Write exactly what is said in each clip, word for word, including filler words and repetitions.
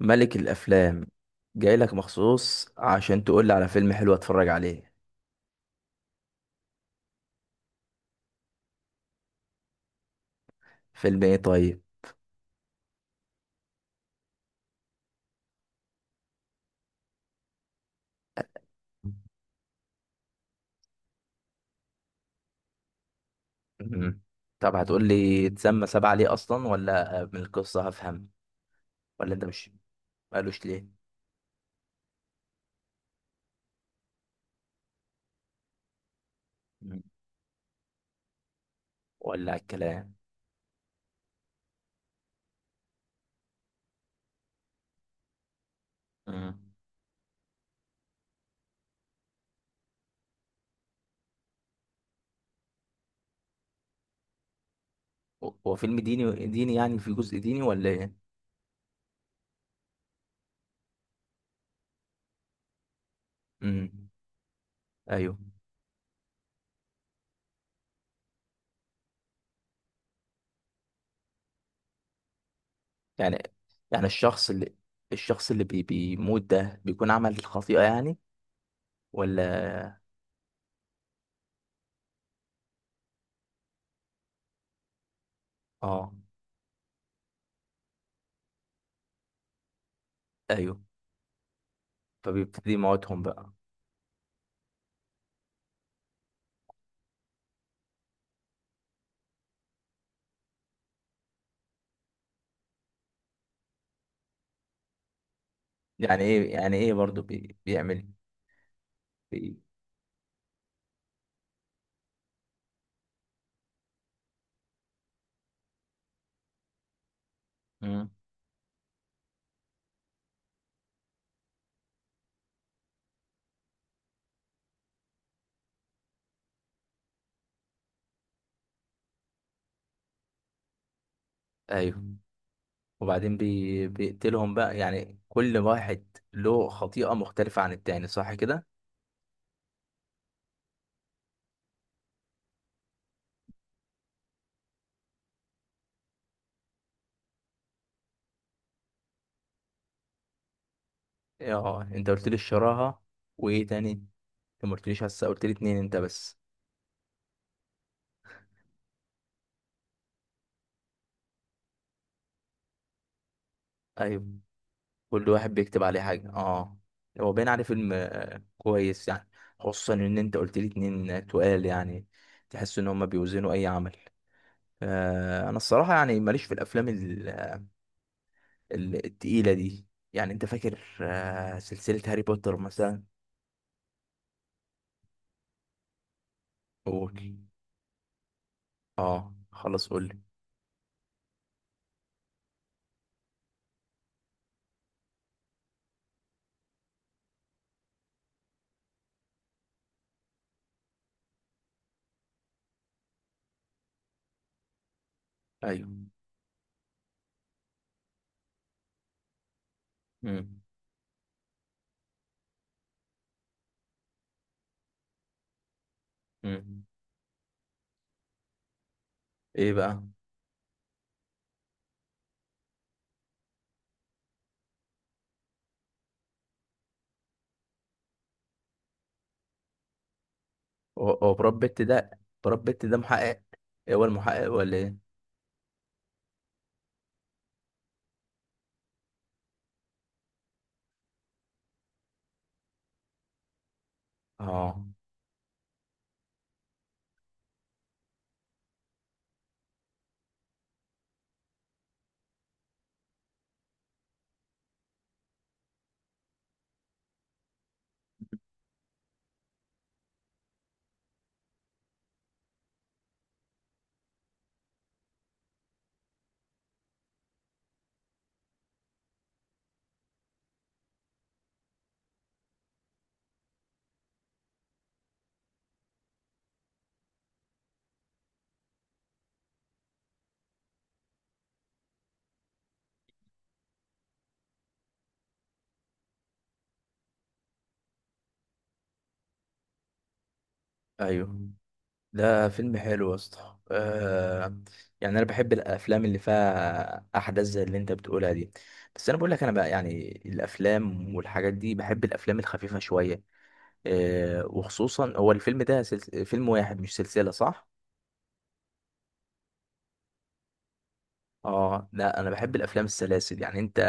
ملك الافلام. جاي لك مخصوص عشان تقول لي على فيلم حلو اتفرج عليه. فيلم ايه طيب؟ مم. طب هتقول لي اتسمى سبعة ليه اصلا، ولا من القصة هفهم؟ ولا انت مش قالوش ليه؟ مم. ولا على الكلام. مم. هو هو فيلم ديني ديني، يعني في جزء ديني ولا ايه؟ مم. ايوه يعني. يعني الشخص اللي الشخص اللي بي بيموت ده بيكون عمل خطيئة يعني، ولا؟ اه. ايوه، فبيبتدي موتهم بقى. يعني ايه؟ يعني ايه برضو بي... بيعمل بي... مم. ايوه. وبعدين بي... بيقتلهم بقى، يعني كل واحد له خطيئة مختلفة عن التاني، صح كده؟ اه، انت قلت لي الشراهة، وايه تاني؟ انت ما قلتليش هسه، قلت لي اتنين انت بس. ايوه، كل واحد بيكتب عليه حاجة، اه. هو باين عليه فيلم آه، كويس يعني. خصوصا ان انت قلت لي اتنين آه، تقال يعني، تحس ان هما بيوزنوا اي عمل. آه انا الصراحة يعني ماليش في الافلام ال- التقيلة دي، يعني انت فاكر آه، سلسلة هاري بوتر مثلا؟ قول، اه خلاص قول. ايوه. مم. مم. ايه بقى؟ هو هو براد بيت ده؟ براد بيت ده محقق؟ إيه، هو المحقق ولا ايه؟ اه. ايوه، ده فيلم حلو يا اسطى، آه يعني انا بحب الافلام اللي فيها احداث زي اللي انت بتقولها دي، بس انا بقول لك، انا بقى يعني الافلام والحاجات دي، بحب الافلام الخفيفه شويه. آه، وخصوصا هو الفيلم ده سلس... فيلم واحد، مش سلسلة، صح؟ اه لا، انا بحب الافلام السلاسل، يعني انت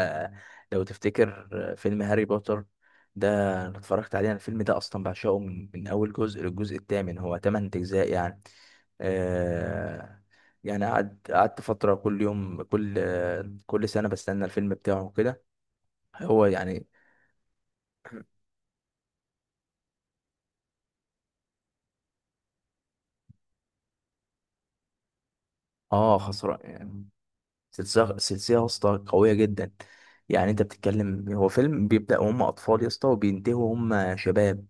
لو تفتكر فيلم هاري بوتر ده، انا اتفرجت عليه. انا الفيلم ده اصلا بعشقه من, من اول جزء للجزء الثامن، هو ثمان اجزاء يعني. آه يعني قعد قعدت فترة كل يوم، كل كل سنة بستنى الفيلم بتاعه كده، هو يعني. اه، خسران يعني. سلسلة سلسلة يا اسطى، قوية جدا. يعني انت بتتكلم هو فيلم بيبدأ وهم أطفال يا اسطى، وبينتهوا وهم شباب،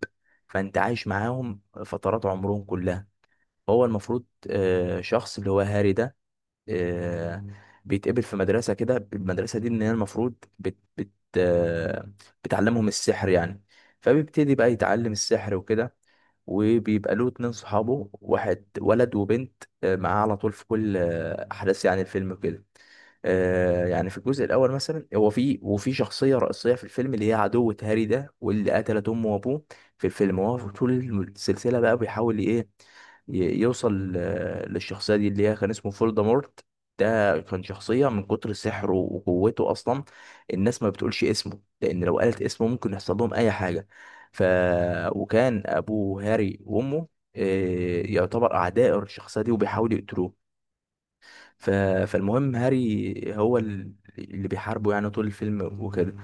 فانت عايش معاهم فترات عمرهم كلها. هو المفروض آه، شخص اللي هو هاري ده، آه، بيتقبل في مدرسة كده، المدرسة دي ان هي المفروض بت بت آه، بتعلمهم السحر يعني. فبيبتدي بقى يتعلم السحر وكده، وبيبقى له اتنين صحابه، واحد ولد وبنت، آه، معاه على طول في كل آه، أحداث يعني الفيلم وكده. آه، يعني في الجزء الاول مثلا، هو في وفي شخصيه رئيسيه في الفيلم اللي هي عدوة هاري ده، واللي قتلت امه وابوه في الفيلم. هو في طول السلسله بقى بيحاول ايه، ي- يوصل آه، للشخصيه دي اللي هي كان اسمه فولدمورت. ده كان شخصيه من كتر سحره وقوته اصلا الناس ما بتقولش اسمه، لان لو قالت اسمه ممكن يحصل لهم اي حاجه. ف وكان ابو هاري وامه آه، يعتبر اعداء الشخصيه دي، وبيحاولوا يقتلوه. ف... فالمهم هاري هو ال- اللي بيحاربه يعني طول الفيلم وكده.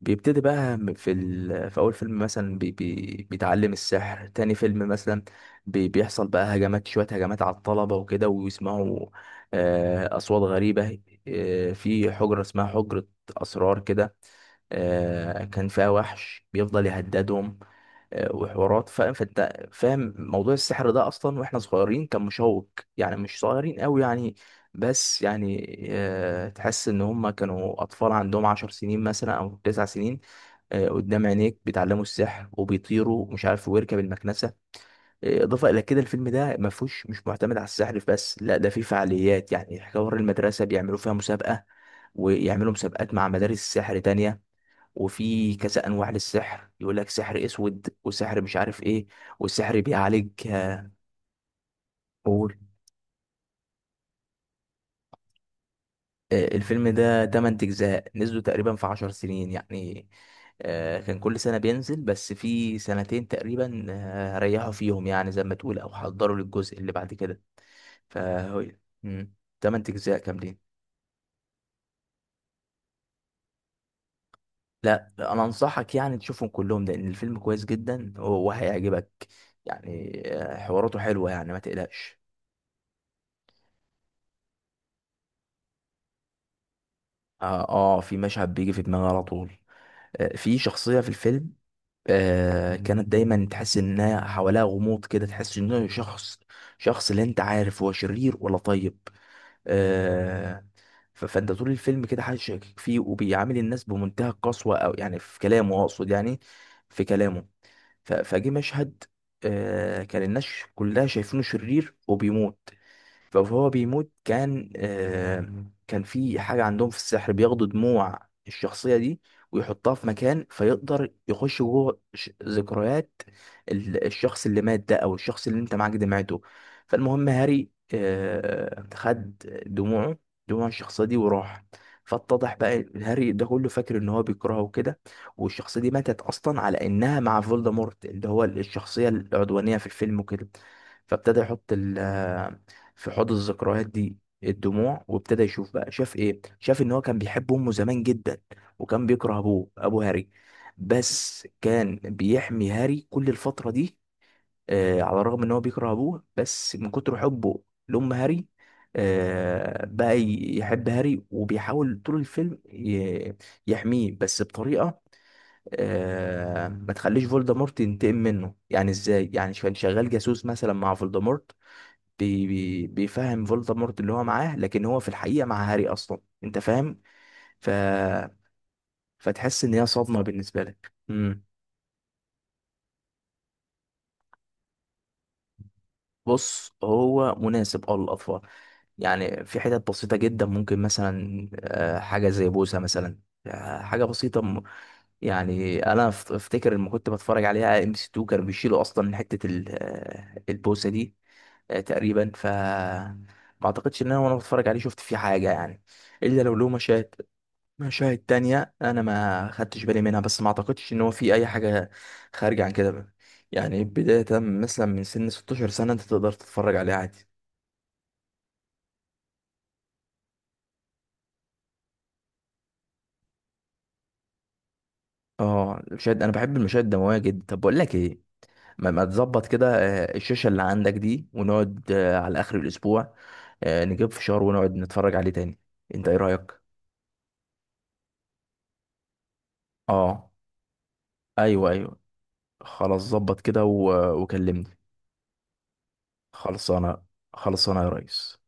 بيبتدي بقى م- في ال... في اول فيلم مثلا بي... بي... بيتعلم السحر. تاني فيلم مثلا بي... بيحصل بقى هجمات، شوية هجمات على الطلبة وكده، ويسمعوا آه، اصوات غريبة آه، في حجرة اسمها حجرة اسرار كده، آه، كان فيها وحش بيفضل يهددهم. آه، وحوارات، فاهم، فانت فاهم موضوع السحر ده اصلا، واحنا صغيرين كان مشوق يعني، مش صغيرين قوي يعني، بس يعني آه، تحس ان هم كانوا اطفال عندهم عشر سنين مثلا او تسع سنين. آه، قدام عينيك بيتعلموا السحر وبيطيروا ومش عارف، ويركب المكنسه. آه، اضافه الى كده، الفيلم ده ما فيهوش مش معتمد على السحر بس، لا ده فيه فعاليات يعني، حوار المدرسه بيعملوا فيها مسابقه، ويعملوا مسابقات مع مدارس سحر تانية، وفي كذا انواع للسحر، يقول لك سحر اسود وسحر مش عارف ايه، والسحر بيعالج آه، قول. آه، الفيلم ده ثمانية اجزاء نزلوا تقريبا في عشر سنين يعني، آه، كان كل سنة بينزل، بس في سنتين تقريبا آه، ريحوا فيهم يعني، زي ما تقول، او حضروا للجزء اللي بعد كده. فهو مم، تمن اجزاء كاملين. لا، انا انصحك يعني تشوفهم كلهم لان الفيلم كويس جدا وهيعجبك، يعني آه، حواراته حلوة يعني، ما تقلقش. اه، آه، في مشهد بيجي في دماغي على طول، آه، في شخصية في الفيلم آه كانت دايما تحس انها حواليها غموض كده، تحس انه شخص شخص، لا انت عارف هو شرير ولا طيب. آه ف- فانت طول الفيلم كده حاسس شاكك فيه، وبيعامل الناس بمنتهى القسوة، او يعني في كلامه، اقصد يعني في كلامه. ف- فجه مشهد آه كان الناس كلها شايفينه شرير، وبيموت. فهو بيموت، كان آه كان في حاجة عندهم في السحر، بياخدوا دموع الشخصية دي، ويحطها في مكان، فيقدر يخش جوه ش- ذكريات ال- الشخص اللي مات ده، أو الشخص اللي أنت معاك دمعته. فالمهم هاري آه خد دموعه دموع الشخصية دي، وراح. فاتضح بقى هاري ده كله فاكر ان هو بيكرهه وكده، والشخصية دي ماتت اصلا على انها مع فولدمورت، اللي هو الشخصية العدوانية في الفيلم وكده. فابتدى يحط ال في حوض الذكريات دي الدموع، وابتدى يشوف بقى، شاف ايه، شاف ان هو كان بيحب امه زمان جدا، وكان بيكره ابوه، ابو هاري، بس كان بيحمي هاري كل الفترة دي. آه، على الرغم ان هو بيكره ابوه، بس من كتر حبه لأم هاري آه بقى ي- يحب هاري، وبيحاول طول الفيلم ي- يحميه، بس بطريقة آه ما تخليش فولدمورت ينتقم منه. يعني ازاي؟ يعني كان شغال جاسوس مثلا مع فولدمورت، بي بي بيفهم فولدمورت اللي هو معاه، لكن هو في الحقيقة مع هاري أصلا، أنت فاهم. ف... فتحس إن هي صدمة بالنسبة لك. مم. بص هو مناسب أه للأطفال، يعني في حتت بسيطة جدا، ممكن مثلا آه، حاجة زي بوسة مثلا، آه، حاجة بسيطة. م- يعني أنا أف- أفتكر لما كنت بتفرج عليها ام سي اتنين كانوا بيشيلوا أصلا حتة ال- آه، البوسة دي آه، تقريبا. ف ما أعتقدش إن أنا، وأنا بتفرج عليه، شفت فيه حاجة يعني، إلا لو له مشاهد. المشاهد التانية أنا ما خدتش بالي منها، بس ما أعتقدش إن هو في أي حاجة خارجة عن كده بقى. يعني بداية مثلا من سن ستة عشر سنة أنت تقدر تتفرج عليه عادي. اه، المشاهد أنا بحب المشاهد الدموية جدا. طب بقول لك إيه، ما, ما تظبط كده آه، الشاشة اللي عندك دي، ونقعد آه، على آخر الأسبوع، آه، نجيب فشار ونقعد نتفرج عليه تاني، أنت إيه رأيك؟ اه، أيوه أيوه. خلاص، ظبط كده و- وكلمني. خلصانة، خلصانة يا ريس.